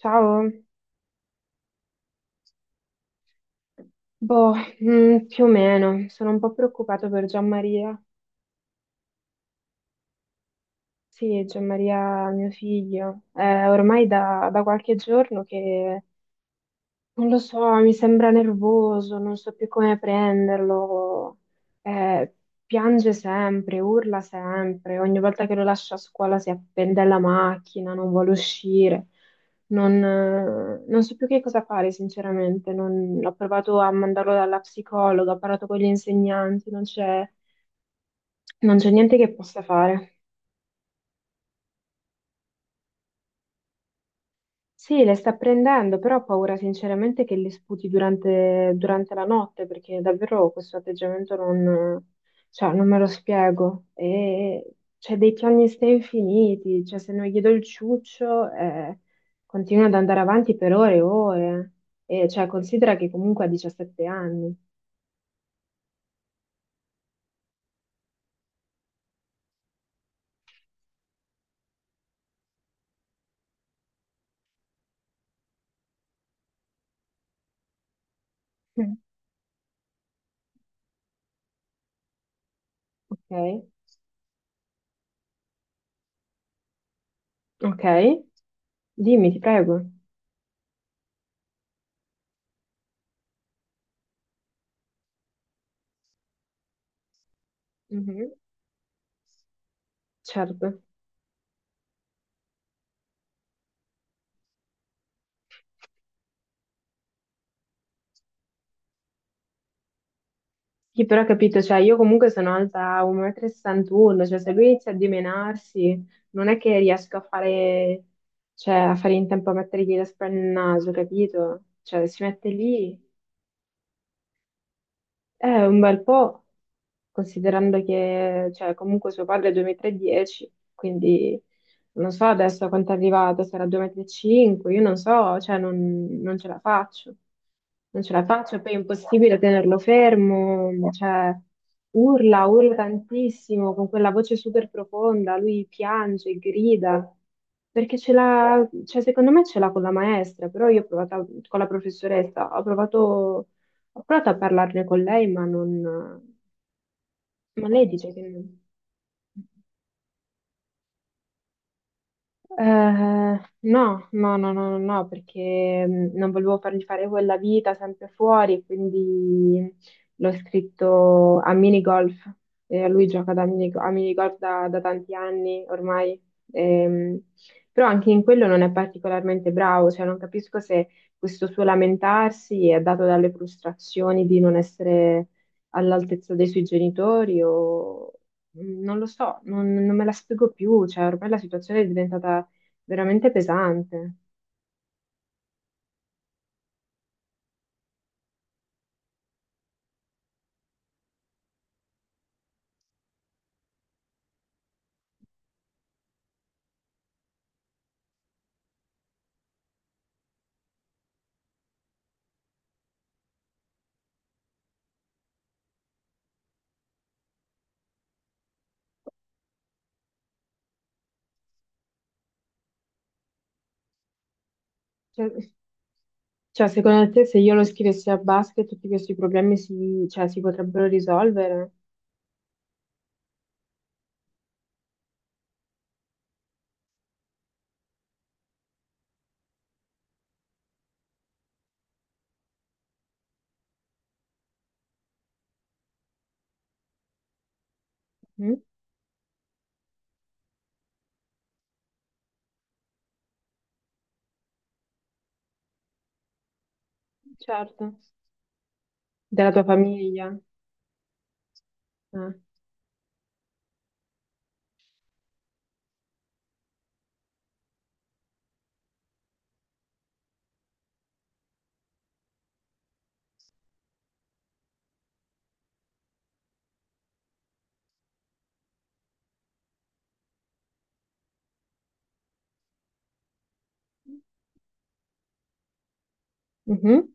Ciao, boh, più o meno, sono un po' preoccupata per Gianmaria. Sì, Gianmaria, mio figlio, è ormai da qualche giorno che non lo so, mi sembra nervoso, non so più come prenderlo. Eh, Piange sempre, urla sempre. Ogni volta che lo lascio a scuola si appende alla macchina, non vuole uscire. Non so più che cosa fare, sinceramente. Ho provato a mandarlo dalla psicologa, ho parlato con gli insegnanti, non c'è niente che possa fare. Sì, le sta prendendo, però ho paura sinceramente che le sputi durante la notte, perché davvero questo atteggiamento non, cioè, non me lo spiego. E c'è dei piani ste infiniti, cioè se non gli do il ciuccio, continua ad andare avanti per ore e ore. E cioè, considera che comunque ha 17 anni. Mm. Ok? Ok? Dimmi, ti prego. Mhm. Certo. Sì, però ho capito, cioè io comunque sono alta 1,61 m, cioè se lui inizia a dimenarsi non è che riesco a fare, cioè, a fare in tempo a mettergli la spalla nel naso, capito? Cioè se si mette lì è un bel po', considerando che, cioè, comunque suo padre è 2,310 m, quindi non so adesso a quanto è arrivato, sarà 2,35 m, io non so, cioè, non ce la faccio. Non ce la faccio, poi è impossibile tenerlo fermo, cioè, urla tantissimo, con quella voce super profonda, lui piange, grida, perché ce l'ha, cioè, secondo me ce l'ha con la maestra, però io ho provato, con la professoressa, ho provato. Ho provato a parlarne con lei, ma lei dice che no. Eh, no, no, no, no, no, no, perché non volevo fargli fare quella vita sempre fuori, quindi l'ho scritto a minigolf. E lui gioca da a minigolf da tanti anni ormai. Ehm, Però anche in quello non è particolarmente bravo, cioè non capisco se questo suo lamentarsi è dato dalle frustrazioni di non essere all'altezza dei suoi genitori o non lo so, non me la spiego più, cioè ormai la situazione è diventata veramente pesante. Cioè, cioè, secondo te se io lo scrivessi a basket tutti questi problemi si, cioè, si potrebbero risolvere? Mm? Certo. Della tua famiglia? Eh. Mhm.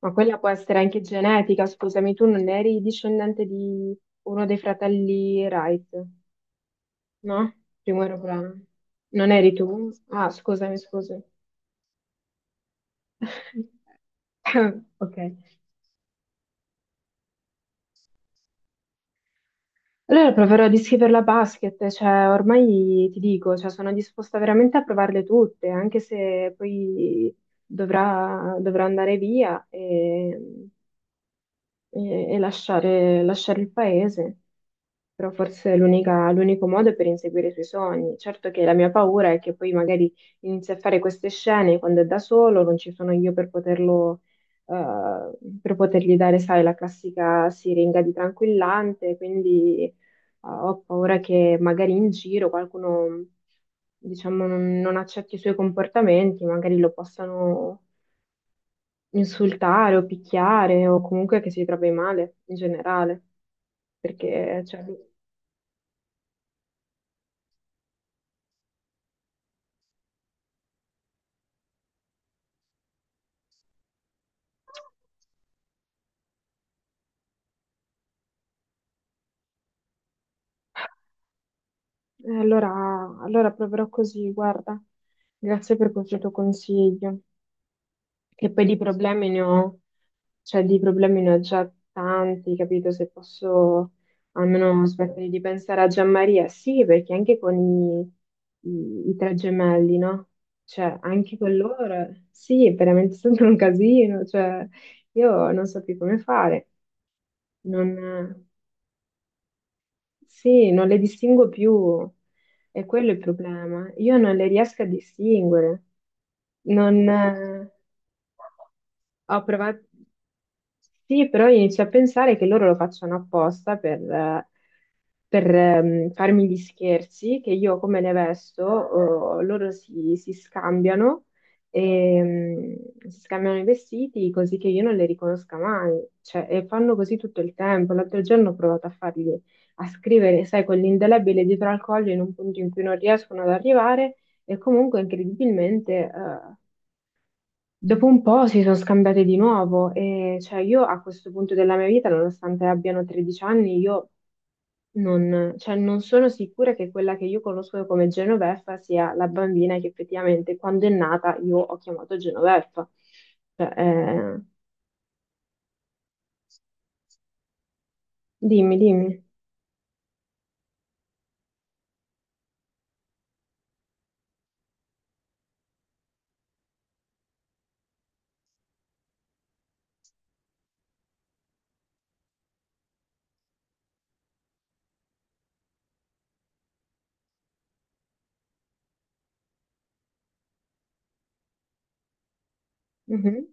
Ma quella può essere anche genetica, scusami, tu non eri discendente di uno dei fratelli Wright, no? Primo aeroplano. Non eri tu? Ah, scusami, scusami. Ok. Allora proverò a descriverla a basket, cioè ormai ti dico, cioè, sono disposta veramente a provarle tutte, anche se poi dovrà andare via. E lasciare il paese, però forse è l'unico modo per inseguire i suoi sogni. Certo che la mia paura è che poi magari inizi a fare queste scene quando è da solo, non ci sono io per poterlo, per potergli dare, sai, la classica siringa di tranquillante, quindi ho paura che magari in giro qualcuno. Diciamo, non accetti i suoi comportamenti, magari lo possano insultare o picchiare o comunque che si trovi male in generale. Perché cioè, eh, allora, allora proverò così, guarda, grazie per questo tuo consiglio. Che poi di problemi ne ho, cioè di problemi ne ho già tanti, capito? Se posso almeno smettere di pensare a Gianmaria, sì, perché anche con i tre gemelli, no? Cioè, anche con loro, sì, è veramente sempre un casino, cioè, io non so più come fare. Non... Sì, non le distingo più, è quello è il problema. Io non le riesco a distinguere. Non, Ho provato, sì, però inizio a pensare che loro lo facciano apposta per, farmi gli scherzi, che io come ne vesto, oh, loro si scambiano, ehm, si scambiano i vestiti così che io non le riconosca mai. Cioè, e fanno così tutto il tempo. L'altro giorno ho provato a scrivere, sai, con l'indelebile dietro al collo in un punto in cui non riescono ad arrivare e comunque incredibilmente dopo un po' si sono scambiate di nuovo e cioè io a questo punto della mia vita, nonostante abbiano 13 anni, io non, cioè, non sono sicura che quella che io conosco come Genoveffa sia la bambina che effettivamente quando è nata io ho chiamato Genoveffa. Cioè, dimmi, dimmi. Mhm.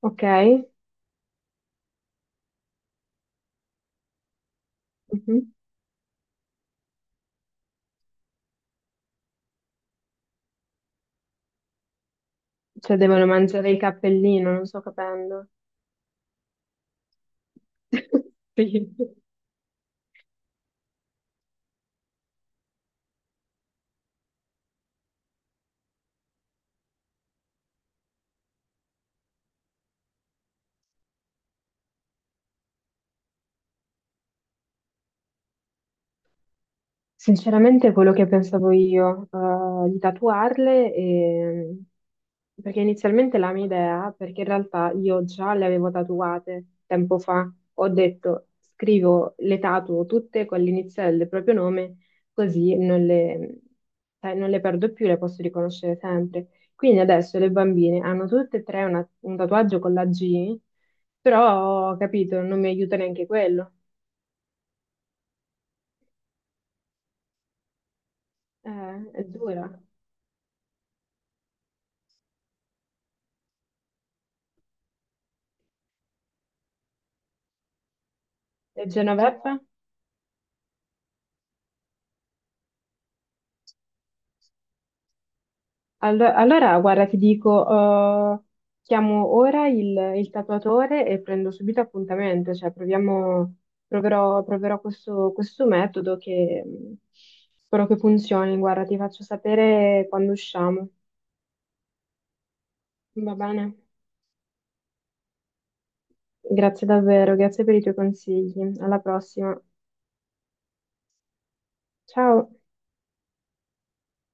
Ok? Mhm. Cioè devono mangiare il cappellino, non sto capendo. Sì. Sinceramente, quello che pensavo io, di tatuarle, perché inizialmente la mia idea, perché in realtà io già le avevo tatuate tempo fa, ho detto scrivo le tatuo tutte con l'iniziale del proprio nome, così non le, cioè, non le perdo più, le posso riconoscere sempre. Quindi adesso le bambine hanno tutte e tre un tatuaggio con la G, però ho capito, non mi aiuta neanche quello. È dura. Genoveva? Allora, guarda, ti dico, eh, chiamo ora il tatuatore e prendo subito appuntamento, cioè proviamo, proverò questo metodo che spero che funzioni. Guarda, ti faccio sapere quando usciamo. Va bene? Grazie davvero, grazie per i tuoi consigli. Alla prossima. Ciao!